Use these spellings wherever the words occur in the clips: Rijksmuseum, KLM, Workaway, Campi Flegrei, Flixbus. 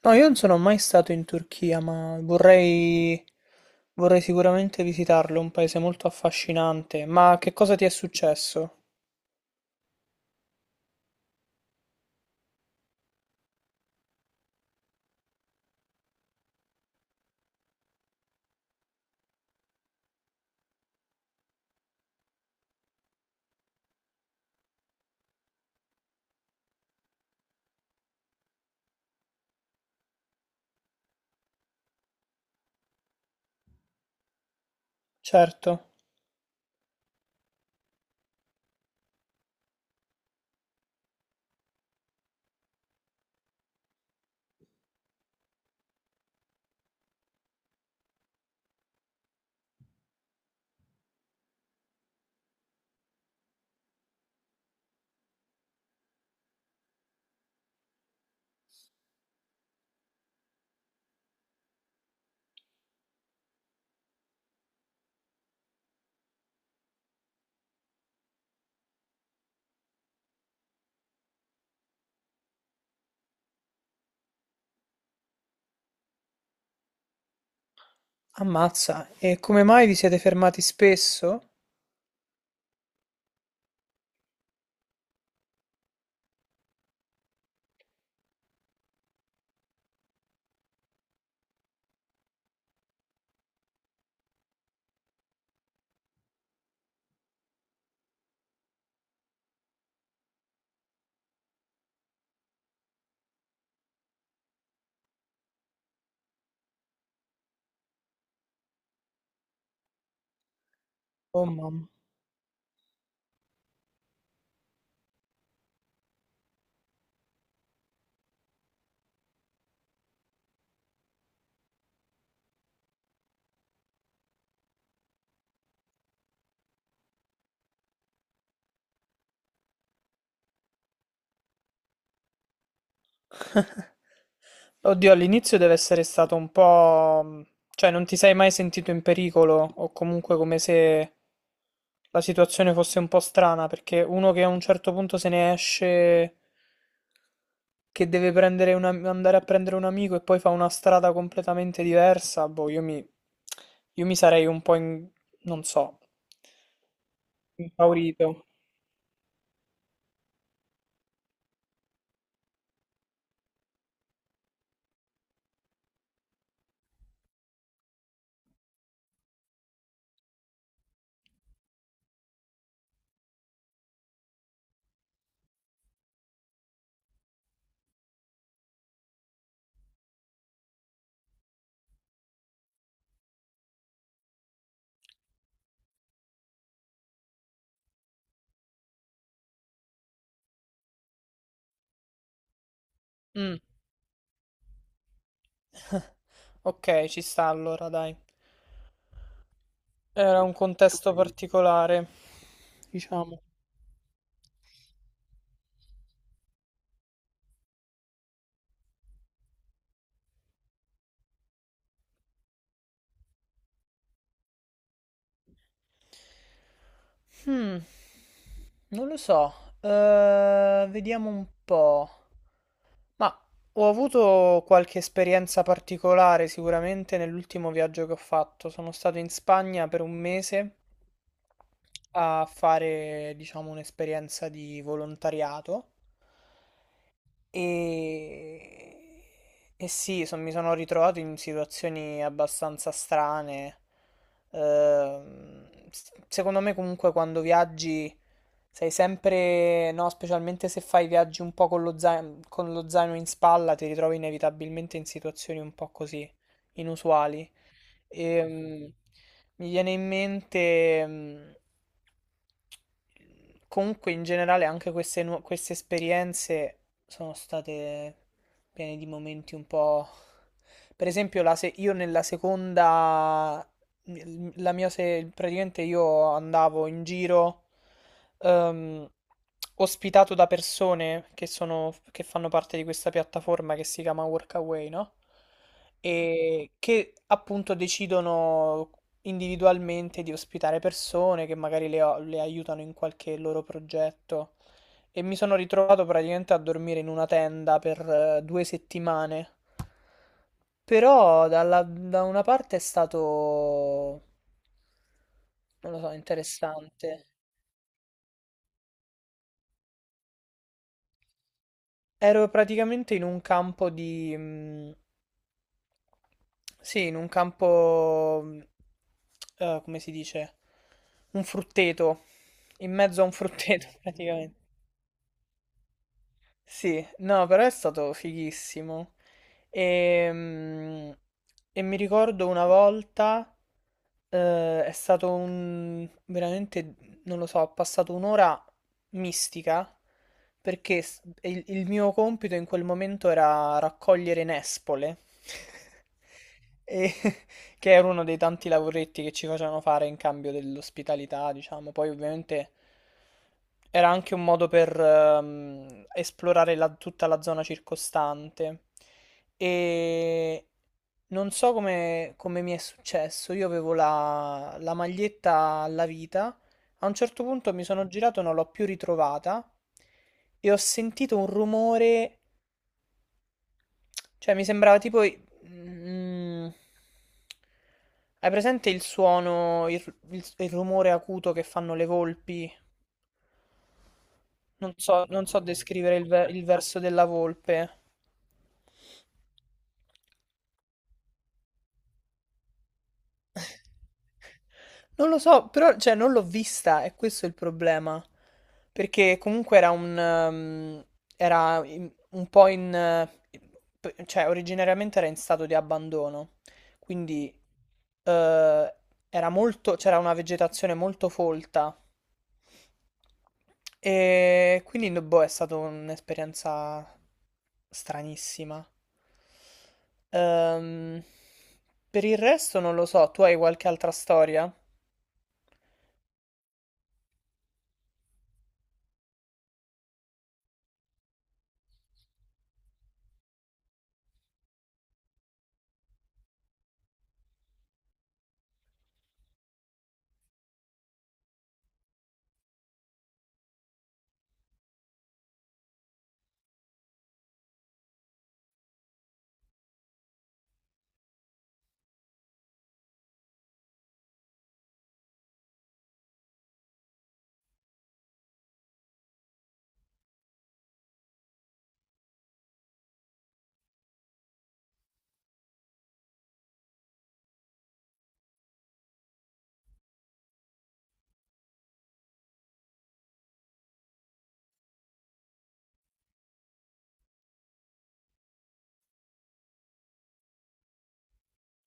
No, io non sono mai stato in Turchia, ma vorrei sicuramente visitarlo, è un paese molto affascinante. Ma che cosa ti è successo? Certo. Ammazza, e come mai vi siete fermati spesso? Oh mamma. Oddio, all'inizio deve essere stato un po', cioè non ti sei mai sentito in pericolo o comunque come se la situazione fosse un po' strana, perché uno che a un certo punto se ne esce che deve prendere un andare a prendere un amico e poi fa una strada completamente diversa, boh, io mi sarei un po' in, non so, impaurito. Mm. Ok, ci sta allora, dai. Era un contesto particolare, diciamo. Hmm, non lo so. Vediamo un po'. Ma ho avuto qualche esperienza particolare sicuramente nell'ultimo viaggio che ho fatto. Sono stato in Spagna per un mese a fare, diciamo, un'esperienza di volontariato. E, e sì, mi sono ritrovato in situazioni abbastanza strane. Secondo me comunque quando viaggi sei sempre, no, specialmente se fai viaggi un po' con lo zaino in spalla, ti ritrovi inevitabilmente in situazioni un po' così, inusuali. Ehm, mi viene in mente, comunque in generale anche queste, queste esperienze sono state piene di momenti un po'. Per esempio, la se- io nella seconda, la mia se- praticamente io andavo in giro ehm, ospitato da persone che sono, che fanno parte di questa piattaforma che si chiama Workaway, no? E che appunto decidono individualmente di ospitare persone che magari le aiutano in qualche loro progetto. E mi sono ritrovato praticamente a dormire in una tenda per due settimane. Però da una parte è stato, non lo so, interessante. Ero praticamente in un campo di, sì, in un campo, come si dice? Un frutteto. In mezzo a un frutteto, praticamente. Sì, no, però è stato fighissimo. Ehm, mi ricordo una volta, è stato un, veramente, non lo so, ho passato un'ora mistica perché il mio compito in quel momento era raccogliere nespole. E che era uno dei tanti lavoretti che ci facevano fare in cambio dell'ospitalità, diciamo. Poi ovviamente era anche un modo per esplorare tutta la zona circostante. E non so come mi è successo, io avevo la maglietta alla vita, a un certo punto mi sono girato e non l'ho più ritrovata e ho sentito un rumore cioè, mi sembrava tipo, hai presente il suono, il rumore acuto che fanno le volpi? Non so, non so descrivere il verso della volpe. Non lo so, però, cioè, non l'ho vista, e questo è il problema. Perché comunque era un, era un po' in, cioè, originariamente era in stato di abbandono. Quindi eh, era molto, c'era una vegetazione molto folta. E quindi, boh, è stata un'esperienza stranissima. Ehm, per il resto non lo so, tu hai qualche altra storia?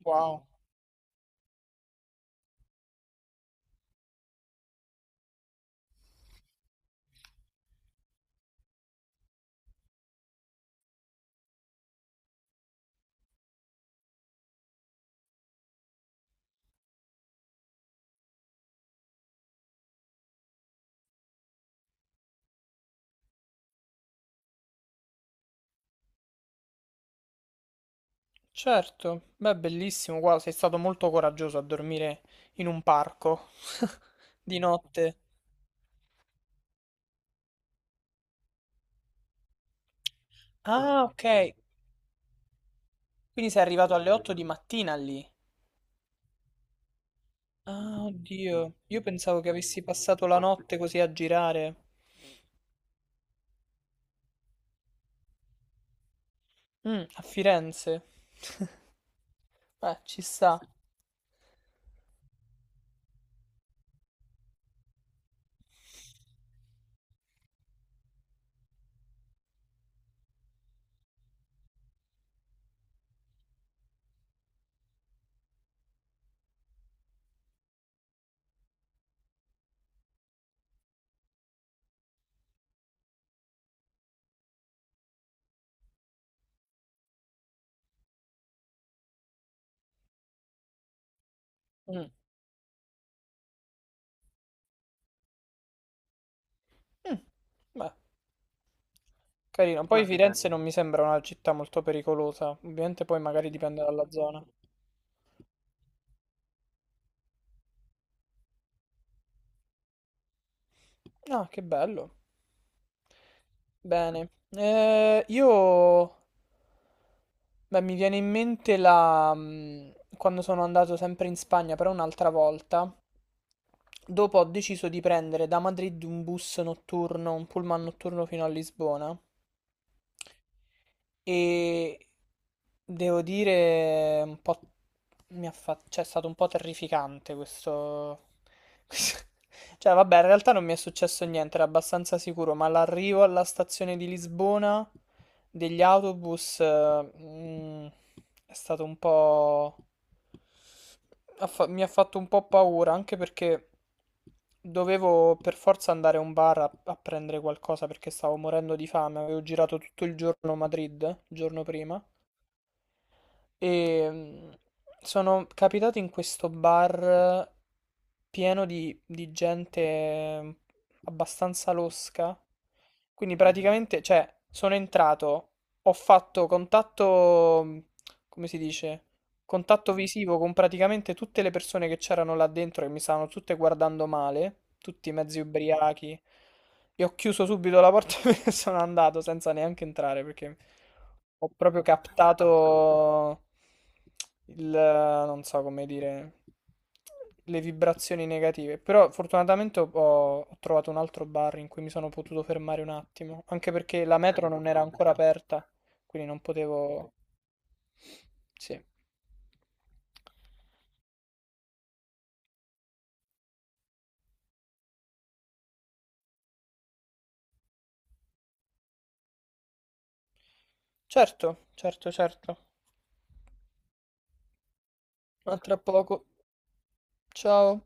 Wow. Certo, beh, bellissimo, guarda, sei stato molto coraggioso a dormire in un parco di notte. Ah, ok, quindi sei arrivato alle 8 di mattina lì. Ah, oddio, io pensavo che avessi passato la notte così a girare. Mm, a Firenze. Beh, ci sta. Mm. Mm. Beh. Carino, poi ma dipende. Firenze bello. Non mi sembra una città molto pericolosa, ovviamente poi magari dipende dalla zona. Ah, che bello. Bene. Io. Beh, mi viene in mente quando sono andato sempre in Spagna, però un'altra volta, dopo ho deciso di prendere da Madrid un bus notturno, un pullman notturno fino a Lisbona. E devo dire, un po', mi ha cioè, è stato un po' terrificante questo, questo- cioè, vabbè, in realtà non mi è successo niente, era abbastanza sicuro, ma l'arrivo alla stazione di Lisbona degli autobus, è stato un po', mi ha fatto un po' paura, anche perché dovevo per forza andare a un bar a prendere qualcosa perché stavo morendo di fame. Avevo girato tutto il giorno a Madrid, il giorno prima. E sono capitato in questo bar pieno di gente abbastanza losca. Quindi praticamente, cioè, sono entrato, ho fatto contatto, come si dice? Contatto visivo con praticamente tutte le persone che c'erano là dentro, che mi stavano tutte guardando male, tutti mezzi ubriachi. Io ho chiuso subito la porta e sono andato senza neanche entrare perché ho proprio captato il, non so come dire, le vibrazioni negative. Però fortunatamente ho trovato un altro bar in cui mi sono potuto fermare un attimo, anche perché la metro non era ancora aperta, quindi non potevo. Sì. Certo, certo, certo. A tra poco. Ciao.